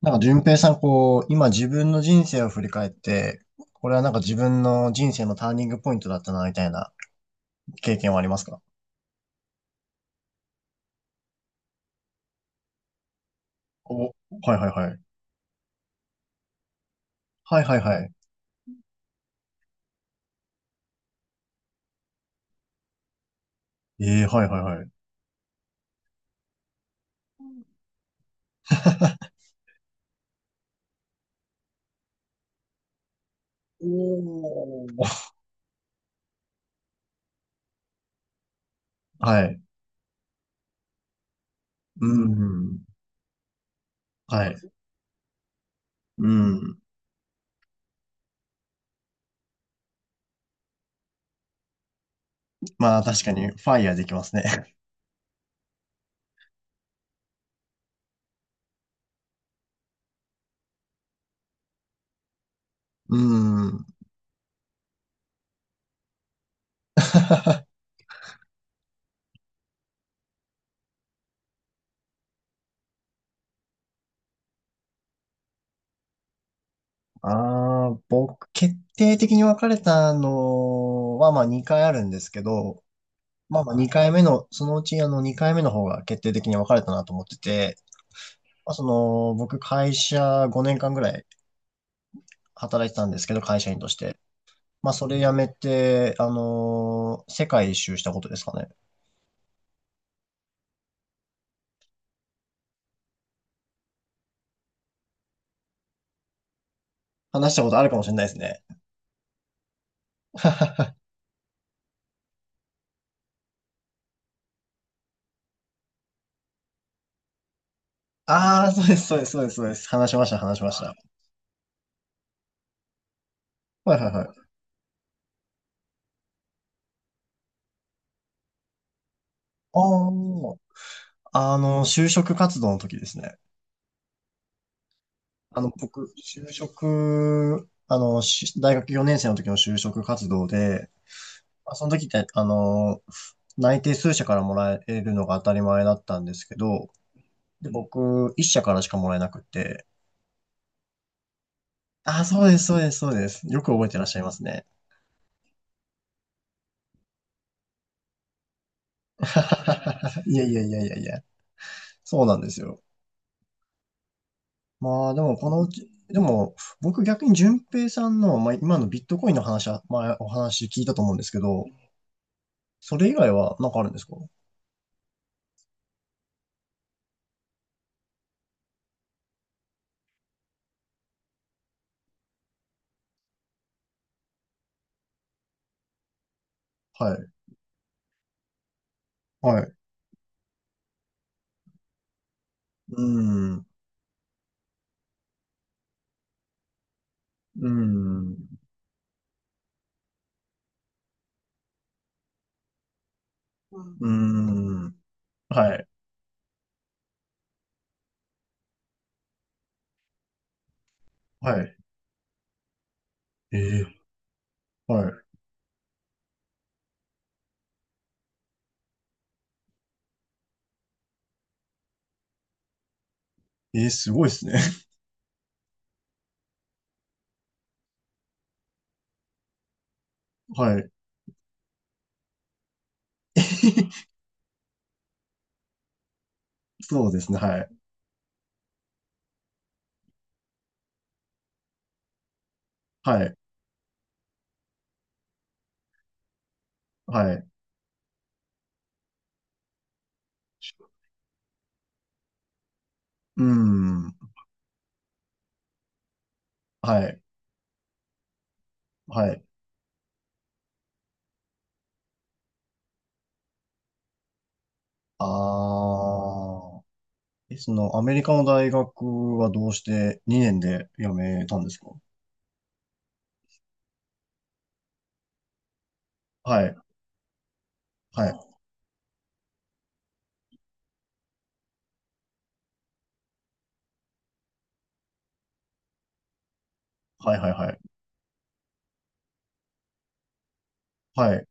なんか、順平さん、こう、今自分の人生を振り返って、これはなんか自分の人生のターニングポイントだったな、みたいな経験はありますか？お、はいはいはい。はいはいはい。ええはいはいはい。おー、はい。うん。はい。うん。まあ、確かに、ファイヤーできますね。うん。ああ、僕、決定的に別れたのは、まあ、2回あるんですけど、まあまあ2回目の、そのうち2回目の方が決定的に分かれたなと思ってて、まあ、その僕会社5年間ぐらい働いてたんですけど、会社員として。まあそれ辞めて、世界一周したことですかね。話したことあるかもしれないですね。ああ、そうです、そうです、そうです、そうです。話しました、話しました。はいはいはい。ああ、就職活動の時ですね。僕、就職、大学4年生の時の就職活動で、まあその時って、内定数社からもらえるのが当たり前だったんですけど、で、僕、一社からしかもらえなくて、あ、そうです、そうです、そうです。よく覚えてらっしゃいますね。いやいやいやいやいや、そうなんですよ。まあ、でも、このうち、でも、僕逆に淳平さんの、まあ、今のビットコインの話は、まお話聞いたと思うんですけど、それ以外はなんかあるんですか？はい、はい。うーん、うーん、うーん、はい、はい。えええー、すごいですね。はい。そうですね。はい。はい。はい。うん。はい。はい。ああ。え、その、アメリカの大学はどうして2年で辞めたんですか？はい。はい。はいはいはい。はい。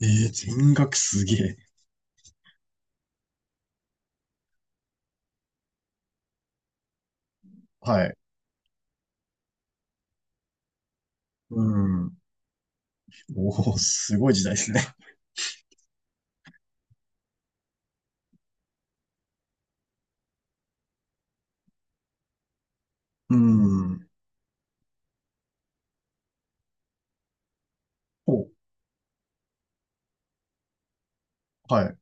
えー、全額すげえ。はい。うん。おお、すごい時代ですね。うん。お、はい。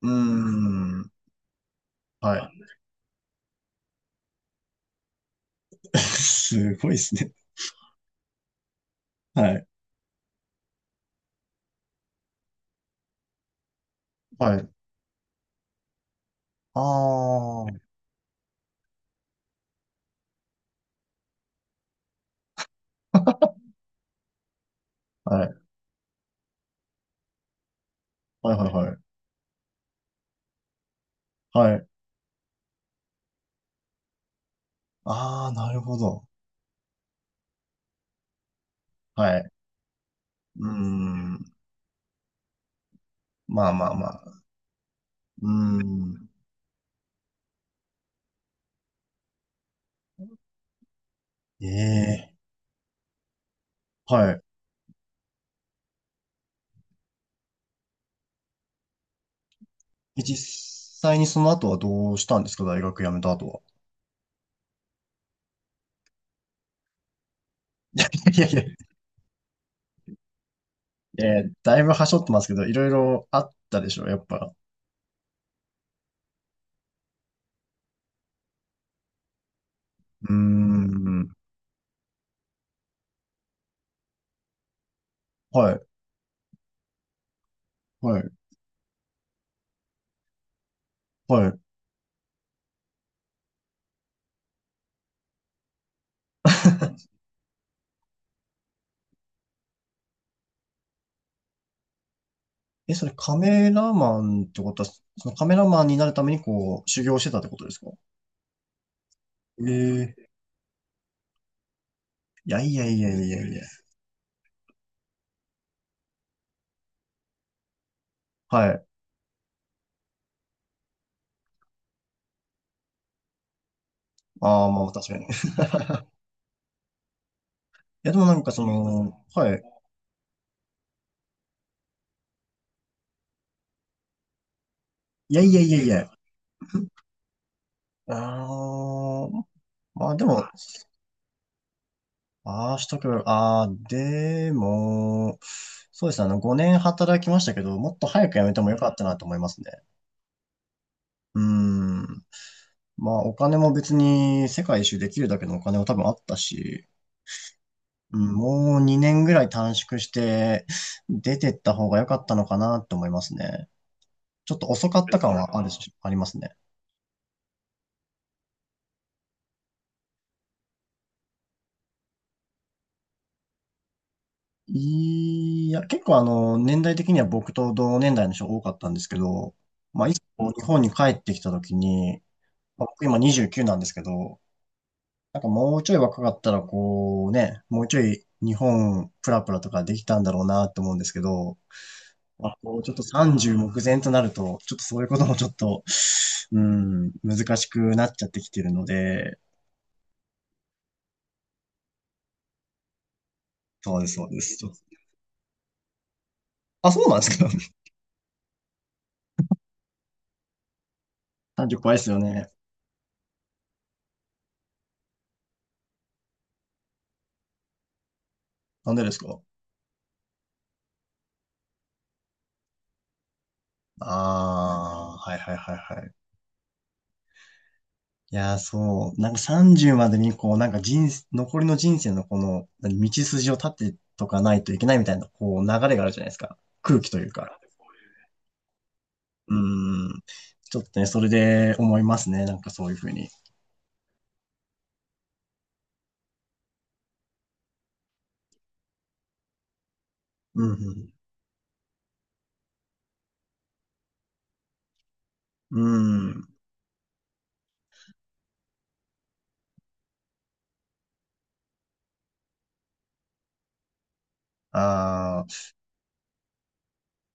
うん。はい。すごいですね。はい。はい。ああ。はい。はいはいはい。はい。ああ、なるほど。はい。うーん。まあまあまあ。うーん。ええ。はい。実際にその後はどうしたんですか？大学辞めた後は。いやいや。だいぶはしょってますけど、いろいろあったでしょ、やっぱ。うーん。はい。はい。はい。え、それカメラマンってことは、そのカメラマンになるためにこう、修行してたってことですか？ええ。いやいやいやいやいやいや。はい。ああ、まあ確かに。や、でもなんかその、はい。いやいやいやいや。あー、まあでも、ああ、しとけば、ああ、でも、そうですね、5年働きましたけど、もっと早く辞めてもよかったなと思いますね。うーん。まあ、お金も別に世界一周できるだけのお金も多分あったし、うん、もう2年ぐらい短縮して、出てった方が良かったのかなって思いますね。ちょっと遅かった感はあるし、ありますね。いや、結構年代的には僕と同年代の人が多かったんですけど、まあ、いつも日本に帰ってきた時に、まあ、僕今29なんですけど、なんかもうちょい若かったらこうね、もうちょい日本プラプラとかできたんだろうなと思うんですけど、まあ、こうちょっと30目前となると、ちょっとそういうこともちょっと、うん、難しくなっちゃってきてるので、そうです、そうです。ちょっとあ、そうなんですか？ 30、 怖いですよね。なんでですか？ああー、はいはいはいはい。いやー、そう。なんか30までに、こう、なんか人生、残りの人生のこの、何道筋を立ってとかないといけないみたいな、こう、流れがあるじゃないですか。空気というか。うん。ちょっとね、それで思いますね。なんかそういうふうに。うんうん。うん。あー。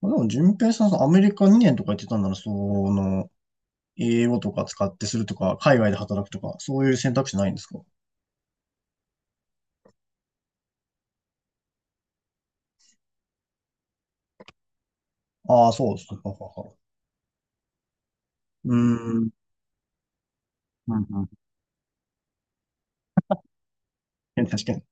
まあ、でも、淳平さん、そのアメリカ2年とか言ってたんなら、その、英語とか使ってするとか、海外で働くとか、そういう選択肢ないんですか？ああー、そうです。ははははうん。うんうん。確かに。